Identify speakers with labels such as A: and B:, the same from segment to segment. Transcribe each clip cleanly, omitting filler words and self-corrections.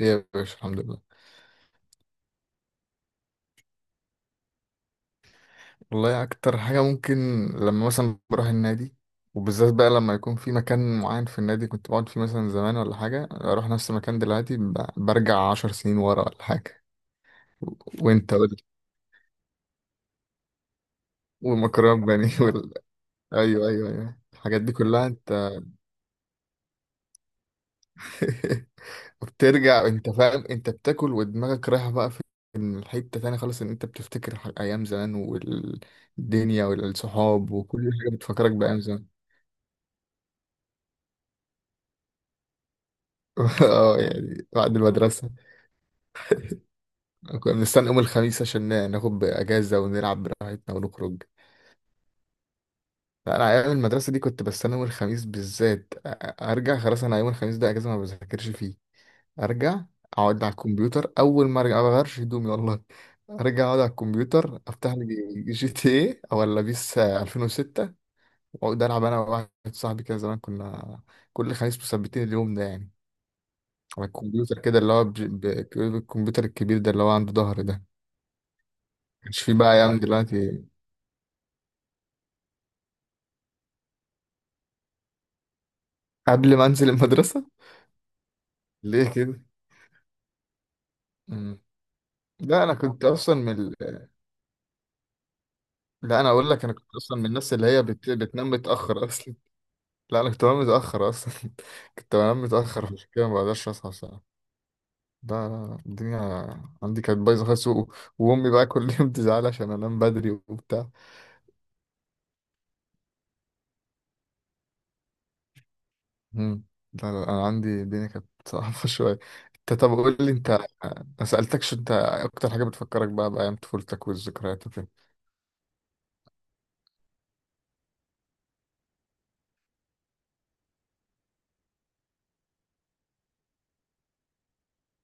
A: ايه يا باشا، الحمد لله. والله اكتر حاجه ممكن لما مثلا بروح النادي، وبالذات بقى لما يكون في مكان معين في النادي كنت بقعد فيه مثلا زمان ولا حاجه، اروح نفس المكان دلوقتي برجع عشر سنين ورا ولا حاجه. وانت وال... ومكرم بني وال... ايوه ايوه ايوه الحاجات دي كلها انت. بترجع انت فاهم، انت بتاكل ودماغك رايحه بقى في الحته تانية خالص، ان انت بتفتكر ايام زمان والدنيا والصحاب وكل حاجه بتفكرك بايام زمان. اه يعني بعد المدرسة كنا بنستنى يوم الخميس عشان ناخد اجازه ونلعب براحتنا ونخرج. لا، انا ايام المدرسه دي كنت بستنى يوم الخميس بالذات ارجع. خلاص انا يوم الخميس ده اجازه ما بذاكرش فيه، ارجع اقعد على الكمبيوتر اول ما ارجع، ما بغيرش هدومي والله. ارجع اقعد على الكمبيوتر افتح لي جي تي ايه ولا بيس 2006، واقعد العب انا وواحد صاحبي كده. زمان كنا كل خميس مثبتين اليوم ده يعني، على الكمبيوتر كده اللي هو الكمبيوتر الكبير ده اللي هو عنده ظهر ده. كانش فيه بقى ايام دلوقتي قبل ما انزل المدرسه. ليه كده؟ مم. لا، انا كنت اصلا من ال... لا انا اقول لك، انا كنت اصلا من الناس اللي هي بتنام متاخر اصلا. لا انا كنت بنام متاخر اصلا. كنت بنام متاخر، عشان كده ما بقدرش اصحى بصراحه. لا لا الدنيا عندي كانت بايظه خالص و... وامي بقى كل يوم تزعل عشان انام بدري وبتاع. مم. لا لا انا عندي الدنيا كانت صعبه شويه. انت، طب قول لي انت. ما سالتكش انت إيه اكتر حاجه بتفكرك بقى بايام طفولتك والذكريات وكده.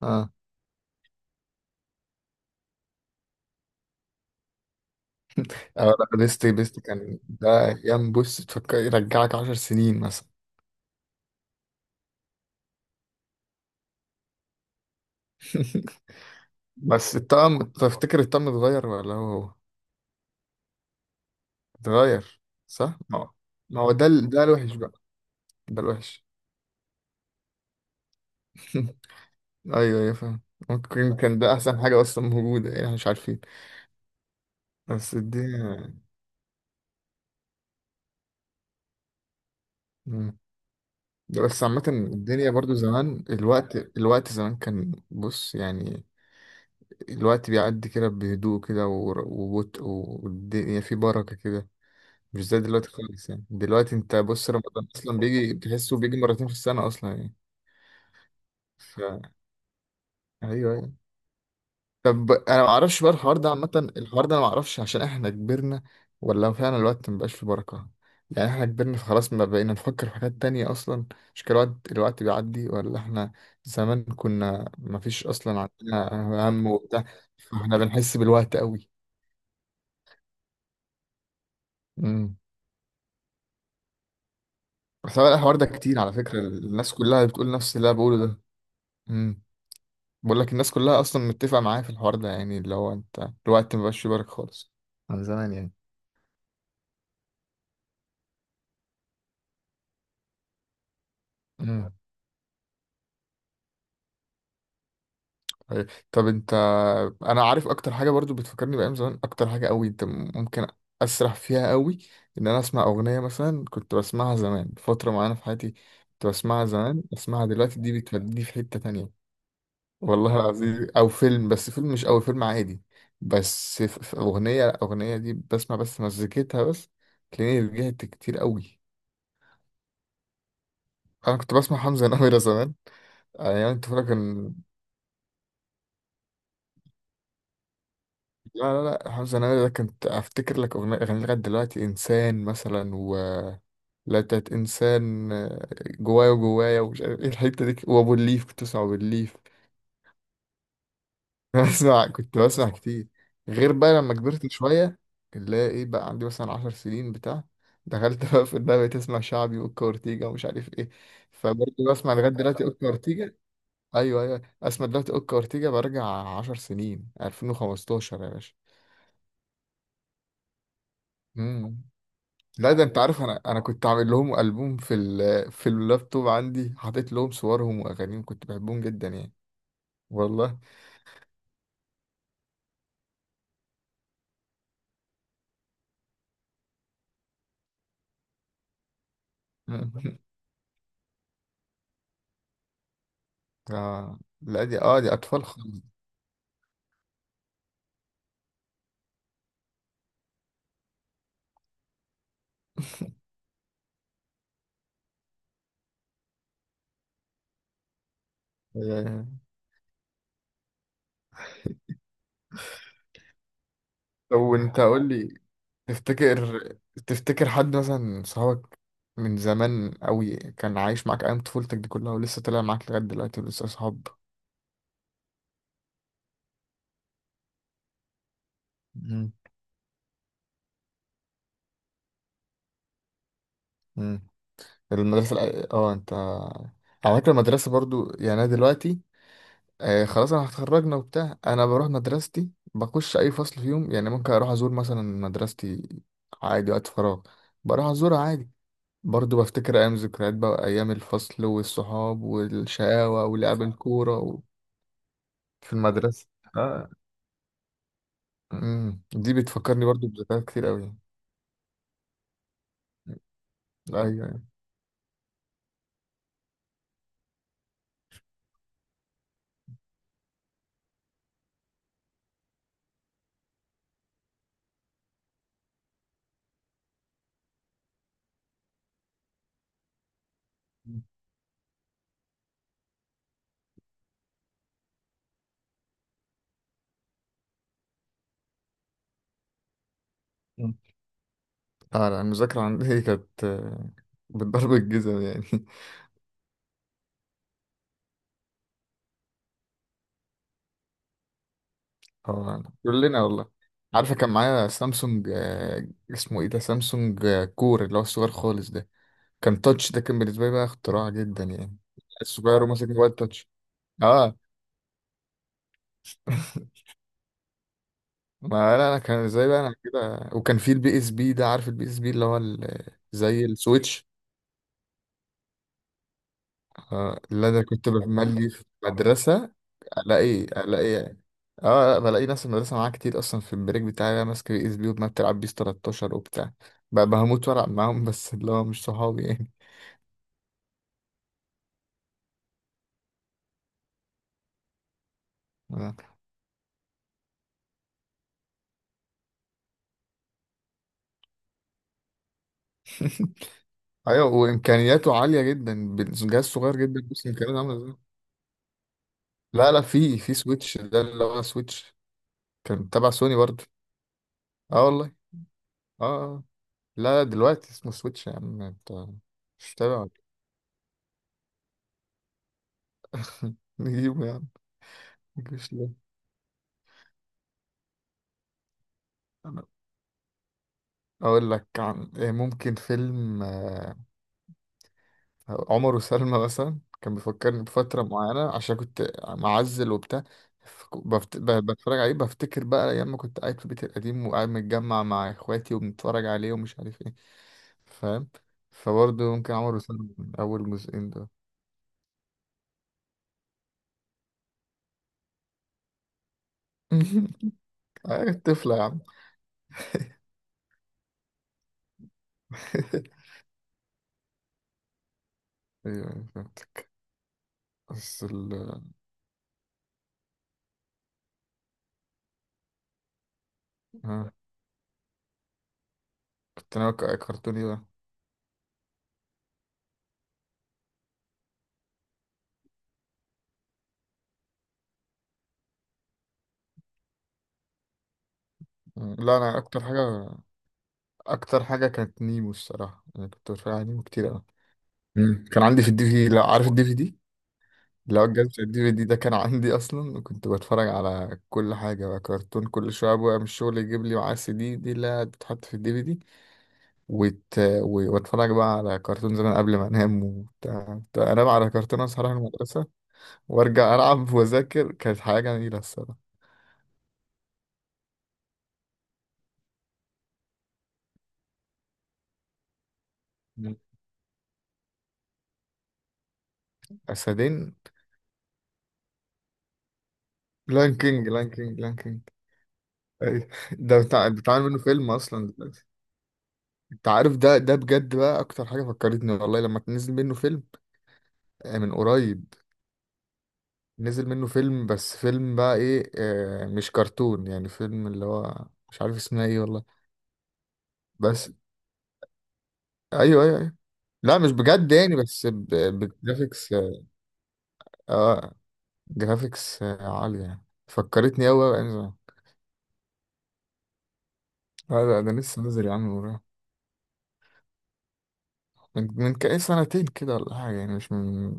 A: اه. اه لا، بيست بيست كان ده ايام، بص تفكر يرجعك عشر سنين مثلا. بس الطقم، تفتكر الطقم اتغير ولا هو اتغير؟ صح؟ ما هو، ما هو ده ده الوحش بقى. ده الوحش. ايوه ايوه فاهم. ممكن كان ده احسن حاجة اصلا موجودة يعني، احنا مش عارفين. بس الدنيا. مم. ده بس عامة الدنيا برضو زمان، الوقت، الوقت زمان كان بص يعني، الوقت بيعدي كده بهدوء كده وبطء، والدنيا في بركة كده، مش زي دلوقتي خالص. يعني دلوقتي انت بص، رمضان اصلا بيجي تحسه بيجي مرتين في السنه اصلا يعني. ف. ايوه يعني. طب انا ما اعرفش بقى الحوار ده عامه، الحوار ده انا ما اعرفش عشان احنا كبرنا، ولا هو فعلا الوقت ما بقاش فيه بركه. يعني احنا كبرنا، فخلاص ما بقينا نفكر في حاجات تانية اصلا. مش كده؟ الوقت، الوقت بيعدي ولا احنا؟ زمان كنا ما فيش اصلا عندنا هم وبتاع، فاحنا بنحس بالوقت قوي. امم. بس هو الحوار ده كتير على فكره، الناس كلها بتقول نفس اللي انا بقوله ده. امم. بقول لك الناس كلها اصلا متفقه معايا في الحوار ده، يعني اللي هو انت الوقت ما بقاش في بالك خالص عن زمان يعني. امم. طيب، طب انت. انا عارف اكتر حاجه برضو بتفكرني بايام زمان، اكتر حاجه قوي انت ممكن اسرح فيها قوي، ان انا اسمع اغنيه مثلا كنت بسمعها زمان فتره معينه في حياتي، كنت بسمعها زمان، اسمعها دلوقتي دي بتوديني في حته تانية. والله العظيم. او فيلم، بس فيلم مش قوي، فيلم عادي. بس في في اغنيه، الاغنيه دي بسمع بس مزيكتها بس، تلاقيني رجعت كتير قوي. انا كنت بسمع حمزة نمرة زمان، يعني ايام الطفولة كان. لا حمزة نمرة ده كنت افتكر لك اغنية، اغاني لغاية دلوقتي، انسان مثلا، و لا تات انسان، آه، جوايا وجوايا ومش عارف ايه الحتة دي، وابو الليف، كنت بسمع ابو الليف. بسمع كنت بسمع كتير. غير بقى لما كبرت شوية، اللي هي ايه بقى، عندي مثلا عشر سنين بتاع دخلت بقى في الدنيا بقيت اسمع شعبي، واوكا اورتيجا ومش عارف ايه. فبرضه بسمع لغاية دلوقتي اوكا اورتيجا. ايوه ايوه، اسمع دلوقتي اوكا اورتيجا برجع 10 سنين، 2015 يا باشا. امم. لا ده انت يعني عارف، انا كنت عامل لهم البوم في ال في اللابتوب عندي، حاطط لهم صورهم واغانيهم، كنت بحبهم جدا يعني. والله. مم. آه. لا دي، اه دي اطفال خالص. آه. طب وانت قول لي، تفتكر، تفتكر حد مثلا صحابك من زمان قوي كان عايش معاك ايام طفولتك دي كلها ولسه طالع معاك لغايه دلوقتي ولسه اصحاب؟ مم. المدرسة اه انت، على فكرة المدرسة برضو. يعني انا دلوقتي آه، خلاص انا هتخرجنا وبتاع، انا بروح مدرستي بخش اي فصل فيهم، يعني ممكن اروح ازور مثلا مدرستي عادي وقت فراغ، بروح ازورها عادي. برضو بفتكر ايام، ذكريات بقى ايام الفصل والصحاب والشقاوة ولعب الكورة و... في المدرسة. اه. امم، دي بتفكرني برضو بذكريات كتير قوي. ايوه. مم. اه لا، المذاكرة عندي كانت آه، بالضرب الجزم يعني. اه كلنا والله. عارفه كان معايا سامسونج، آه، اسمه ايه ده، سامسونج آه، كور، اللي هو الصغير خالص ده. كان تاتش، ده كان بالنسبه لي بقى اختراع جدا يعني. الصغير، اه وماسك موبايل تاتش. اه. ما لا انا كان ازاي بقى، انا كده وكان في البي اس بي ده، عارف البي اس بي اللي هو زي السويتش. اه اللي انا كنت بملي في مدرسة، الاقي الاقي، اه بلاقي ناس المدرسة معاها كتير اصلا، في البريك بتاعي انا ماسك الاس بي وما بتلعب بيس 13 وبتاع، بقى بهموت والعب معاهم بس اللي هو مش صحابي يعني. آه. ايوه، وامكانياته عالية جدا، بالجهاز صغير جدا بس امكانياته عاملة ازاي. لا لا، في في سويتش ده اللي هو سويتش، كان تبع سوني برضه. اه والله. اه. آه. آه. لا دلوقتي اسمه سويتش يا عم انت، مش متابع ولا. إيه؟ نجيبه يا عم. مش. ليه، اقول لك عن إيه، ممكن فيلم آه، عمر وسلمى مثلا كان بيفكرني بفتره معينه عشان كنت معزل وبتاع، بتفرج عليه بفتكر بقى ايام ما كنت قاعد في بيتي القديم وقاعد متجمع مع اخواتي وبنتفرج عليه ومش عارف ايه. فاهم؟ فبرضه ممكن عمر وسلمى من اول جزئين ده. آه، طفله يا عم. ايوه، أيوة، فهمت. بس ال. ها. كنت انا كرتوني بقى. لا انا اكتر حاجه، اكتر حاجه كانت نيمو الصراحه، انا كنت بتفرج على نيمو كتير قوي. مم. كان عندي في الدي في دي، لا عارف الدي في دي، لو الجهاز الدي في دي ده كان عندي اصلا، وكنت بتفرج على كل حاجه بقى كرتون، كل شويه ابويا من الشغل يجيب لي معاه السي دي دي اللي بتتحط في الدي في دي، واتفرج بقى على كرتون زمان قبل ما انام وبتاع. كنت انام على كرتون، اصحى اروح المدرسه وارجع العب واذاكر، كانت حاجه جميله الصراحه. مم. اسدين. لان كينج، لان كينج، لان كينج. أيوة. ده بتاع بتعمل منه فيلم اصلا. انت عارف ده، ده بجد بقى اكتر حاجه فكرتني والله، لما نزل منه فيلم آه، من قريب، نزل منه فيلم، بس فيلم بقى ايه آه، مش كرتون يعني، فيلم اللي هو مش عارف اسمه ايه والله. بس. ايوه ايوه ايوه. لا مش بجد يعني، بس بجرافيكس. اه آه، جرافيكس آه، عاليه يعني، فكرتني قوي بقى يعني. لا لا ده لسه نازل يا عم من قريب. من من كأي سنتين كده ولا حاجه، يعني مش من.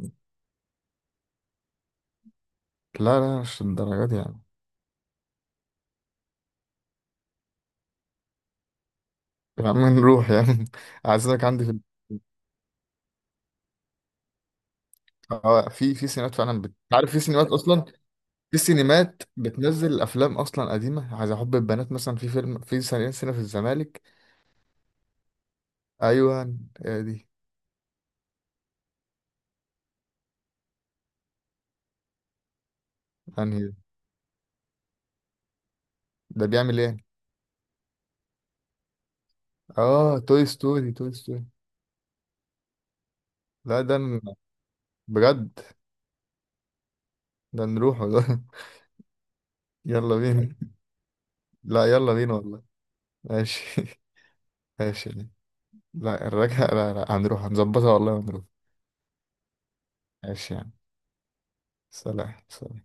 A: لا لا مش الدرجات دي يعني. يا عم نروح يعني عايزك عندي في. اه في في سينمات فعلا عارف في سينمات اصلا، في سينمات بتنزل افلام اصلا قديمه، عايز احب البنات مثلا، في فيلم، في سنين، سنه في الزمالك. ايوه هي دي. يعني ده بيعمل ايه؟ اه، توي ستوري، توي ستوري. لا ده بجد؟ ده نروحه ده. يلا بينا. لا يلا بينا والله. ماشي. ماشي. لا الرجعه، لا لا هنروح هنظبطها والله ونروح. ماشي يعني. سلام سلام.